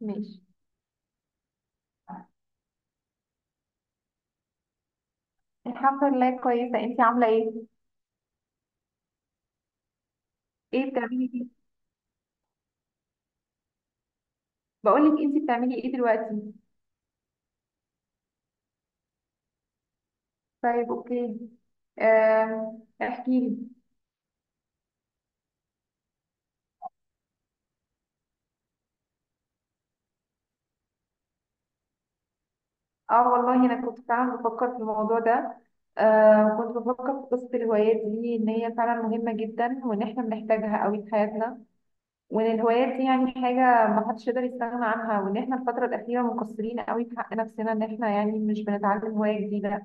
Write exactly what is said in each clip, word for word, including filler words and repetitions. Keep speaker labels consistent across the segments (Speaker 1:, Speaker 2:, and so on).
Speaker 1: ماشي. الحمد لله كويسة، انتي عاملة ايه؟ ايه بتعملي ايه؟ بقولك انتي بتعملي ايه دلوقتي؟ طيب اوكي. آم، احكيلي. اه والله انا كنت فعلا بفكر في الموضوع ده. آه كنت بفكر في قصة الهوايات دي، ان هي فعلا مهمة جدا وان احنا بنحتاجها قوي في حياتنا، وان الهوايات دي يعني حاجة ما حدش يقدر يستغنى عنها، وان احنا الفترة الأخيرة مقصرين قوي في حق نفسنا ان احنا يعني مش بنتعلم هواية جديدة.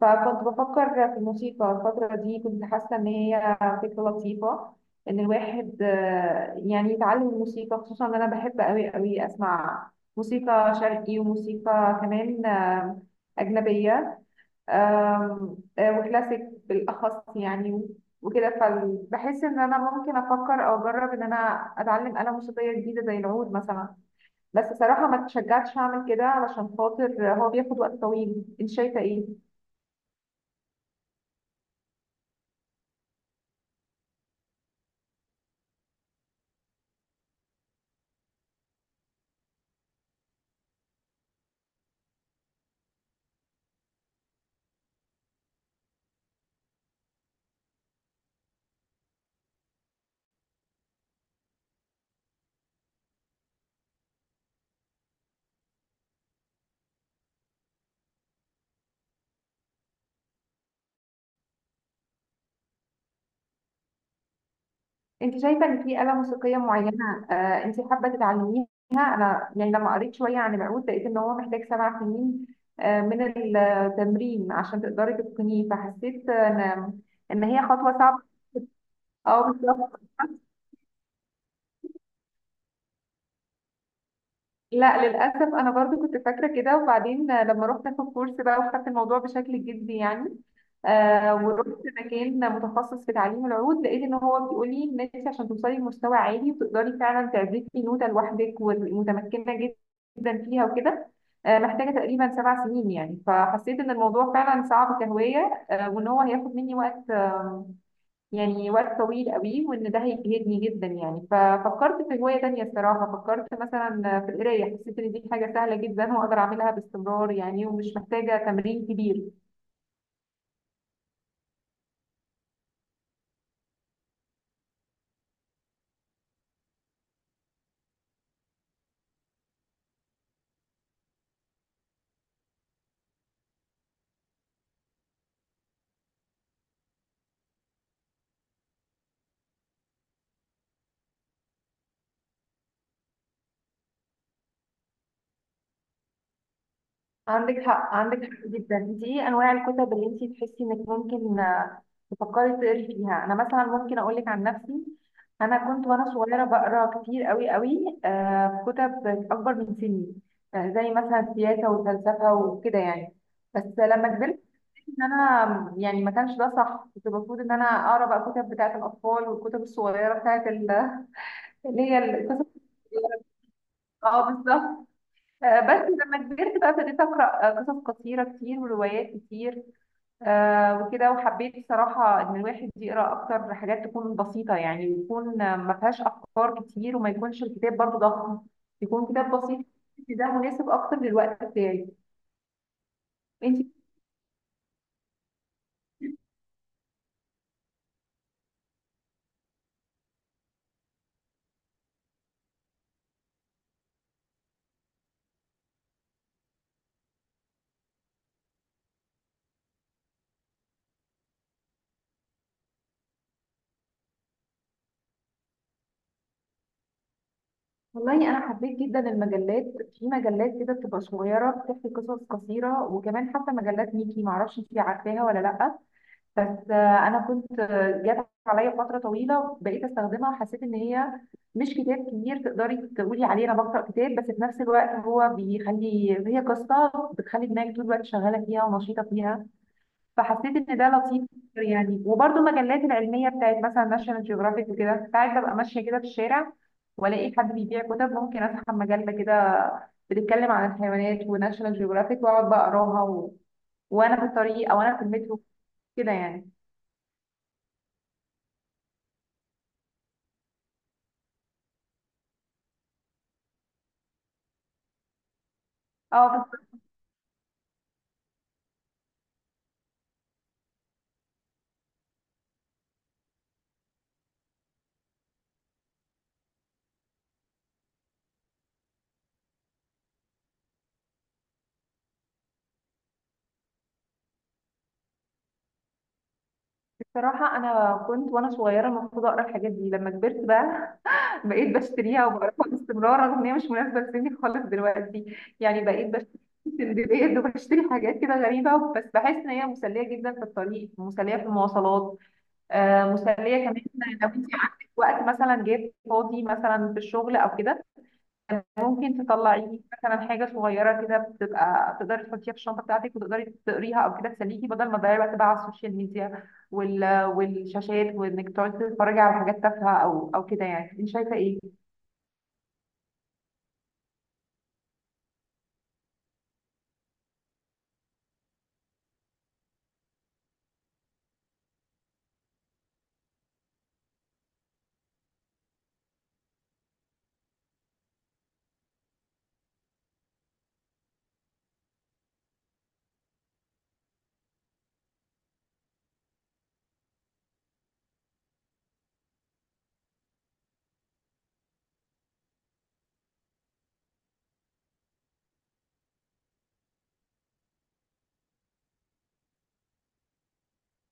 Speaker 1: فكنت بفكر في الموسيقى الفترة دي، كنت حاسة إن هي فكرة لطيفة، إن الواحد آه، يعني يتعلم الموسيقى، خصوصا إن أنا بحب أوي أوي أسمع موسيقى شرقي وموسيقى كمان آه، أجنبية. آم، آه، وكلاسيك بالأخص يعني، وكده. فبحس إن أنا ممكن أفكر أو أجرب إن أنا أتعلم آلة موسيقية جديدة زي العود مثلا. بس صراحة ما تشجعتش أعمل كده علشان خاطر هو بياخد وقت طويل. أنت شايفة إيه؟ انت شايفه ان في آلة موسيقيه معينه آه انت حابه تتعلميها؟ انا يعني لما قريت شويه عن العود لقيت ان هو محتاج سبع سنين آه من التمرين عشان تقدري تتقنيه، فحسيت ان ان هي خطوه صعبه. اه، لا للأسف أنا برضو كنت فاكرة كده، وبعدين لما رحت أخد كورس بقى وخدت الموضوع بشكل جدي يعني، آه ورحت مكان متخصص في تعليم العود، لقيت إن هو بيقول لي إن أنت عشان توصلي لمستوى عالي وتقدري فعلا تعزفي نوتة لوحدك ومتمكنة جدا فيها وكده، آه محتاجة تقريبا سبع سنين يعني. فحسيت إن الموضوع فعلا صعب كهواية، آه وإن هو هياخد مني وقت يعني وقت طويل قوي، وان ده هيجهدني جدا يعني. ففكرت في هواية تانية الصراحة، فكرت مثلا في القراية، حسيت ان دي حاجة سهلة جدا واقدر اعملها باستمرار يعني، ومش محتاجة تمرين كبير. عندك حق، عندك حق جدا. دي ايه انواع الكتب اللي انت تحسي انك ممكن آه، تفكري تقري فيها؟ انا مثلا ممكن اقول لك عن نفسي، انا كنت وانا صغيره بقرا كتير قوي قوي آه، في كتب اكبر من سني، آه، زي مثلا سياسه وفلسفه وكده يعني. بس لما كبرت ان انا يعني ما كانش ده صح، كنت المفروض ان انا اقرا بقى الكتب بتاعه الاطفال والكتب الصغيره بتاعه ال- اللي هي القصص. اه بالظبط. آه، بس لما كبرت بقى ابتديت اقرا آه، قصص قصيره كتير وروايات كتير آه، وكده. وحبيت صراحه ان الواحد يقرا اكتر حاجات تكون بسيطه يعني، يكون آه، ما فيهاش افكار كتير وما يكونش الكتاب برضه ضخم، يكون كتاب بسيط. ده مناسب اكتر للوقت بتاعي. انت، والله انا حبيت جدا المجلات. في مجلات كده بتبقى صغيره بتحكي قصص قصيره، وكمان حتى مجلات ميكي، معرفش انتي عارفاها ولا لا، بس آه، انا كنت آه، جات عليا فتره طويله بقيت استخدمها. حسيت ان هي مش كتاب كبير تقدري تقولي عليه انا بقرا كتاب، بس في نفس الوقت هو بيخلي هي قصه بتخلي دماغك طول الوقت شغاله فيها ونشيطه فيها. فحسيت ان ده لطيف يعني. وبرده المجلات العلميه بتاعت مثلا ناشونال جيوغرافيك وكده، ساعات ببقى ماشيه كده في الشارع والاقي حد بيبيع كتب، ممكن اسحب مجله كده بتتكلم عن الحيوانات وناشونال جيوغرافيك واقعد بقى اقراها و... وانا في الطريق او انا في المترو، كده يعني. اه بس بصراحه انا كنت وانا صغيره المفروض اقرا الحاجات دي لما كبرت بقى، بقيت باشتريها وبعرفها باستمرار رغم ان هي مش مناسبه لسني خالص دلوقتي يعني. بقيت بشتري سندباد وبشتري حاجات كده غريبه، بس بحس ان هي مسليه جدا في الطريق، مسليه في المواصلات، آه مسليه كمان لو انت عندك وقت مثلا جايب فاضي مثلا في الشغل او كده، ممكن تطلعي مثلا حاجه صغيره كده بتبقى تقدري تحطيها في الشنطه بتاعتك وتقدري تقريها او كده، تسليكي بدل ما تضيعي وقت بقى على السوشيال ميديا وال... والشاشات، وانك تقعدي تتفرجي على حاجات تافهه او او كده يعني. انت شايفه ايه؟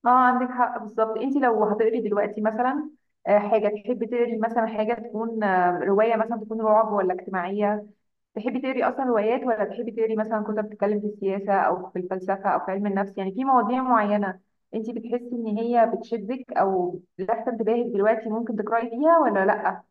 Speaker 1: اه عندك حق بالظبط. انت لو هتقري دلوقتي مثلا آه، حاجه تحبي تقري، مثلا حاجه تكون آه، روايه، مثلا تكون رعب ولا اجتماعيه؟ تحبي تقري اصلا روايات ولا تحبي تقري مثلا كتب بتتكلم في السياسه او في الفلسفه او في علم النفس يعني في مواضيع معينه انت بتحسي ان هي بتشدك او لافته انتباهك دلوقتي ممكن تقراي فيها ولا لا؟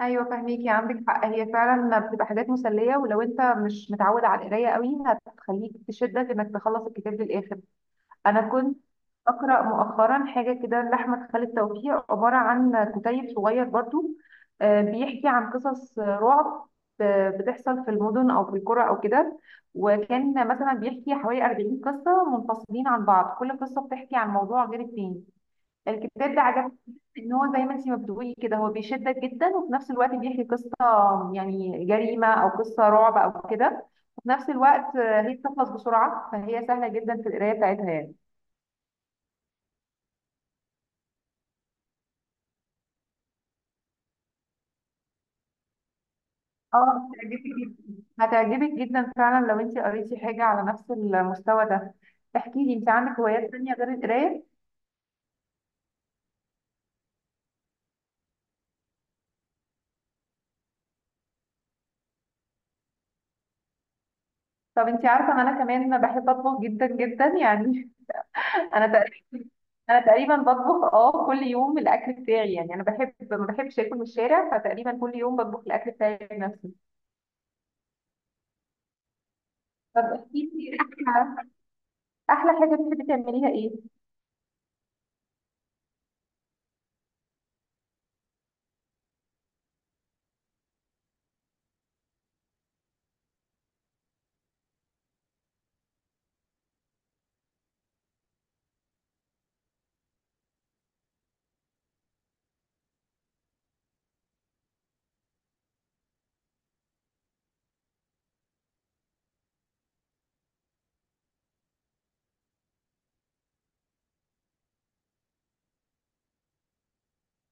Speaker 1: ايوه فاهميكي، عندك حق. هي فعلا بتبقى حاجات مسليه، ولو انت مش متعود على القرايه قوي هتخليك تشدك انك تخلص الكتاب للاخر. انا كنت اقرا مؤخرا حاجه كده لاحمد خالد توفيق، عباره عن كتيب صغير برضو آه، بيحكي عن قصص رعب آه، بتحصل في المدن او في القرى او كده. وكان مثلا بيحكي حوالي اربعين قصه منفصلين عن بعض، كل قصه بتحكي عن موضوع غير التاني. الكتاب ده عجبني ان هو زي ما انت ما بتقولي كده، هو بيشدك جدا وفي نفس الوقت بيحكي قصه يعني جريمه او قصه رعب او كده، وفي نفس الوقت آه، هي بتخلص بسرعه، فهي سهله جدا في القرايه بتاعتها يعني. اه هتعجبك جدا، هتعجبك جدا فعلا لو انت قريتي حاجة على نفس المستوى ده. احكي لي، انت عندك هوايات تانية غير القراية؟ طب انت عارفة ان انا كمان بحب اطبخ جدا جدا يعني. انا تقريبا، انا تقريبا بطبخ اه كل يوم الاكل بتاعي يعني. انا بحب، ما بحبش اكل من الشارع، فتقريبا كل يوم بطبخ الاكل بتاعي بنفسي. طب احكي لي، احلى احلى حاجة بتحبي تعمليها ايه؟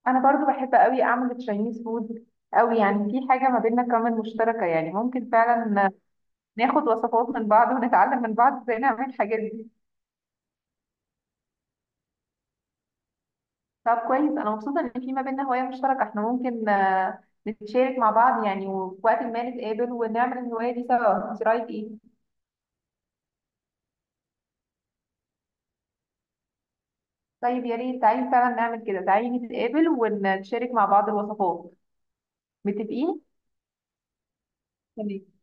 Speaker 1: انا برضو بحب قوي اعمل تشاينيز فود قوي يعني. في حاجة ما بيننا كمان مشتركة يعني، ممكن فعلا ناخد وصفات من بعض ونتعلم من بعض ازاي نعمل الحاجات دي. طب كويس، انا مبسوطه ان في ما بيننا هوايه مشتركه، احنا ممكن آه، نتشارك مع بعض يعني، وفي وقت ما نتقابل ونعمل الهوايه دي سوا. انت رايك ايه؟ طيب يا ريت، تعالي فعلا نعمل كده، تعالي نتقابل ونتشارك مع بعض الوصفات. متفقين. تمام.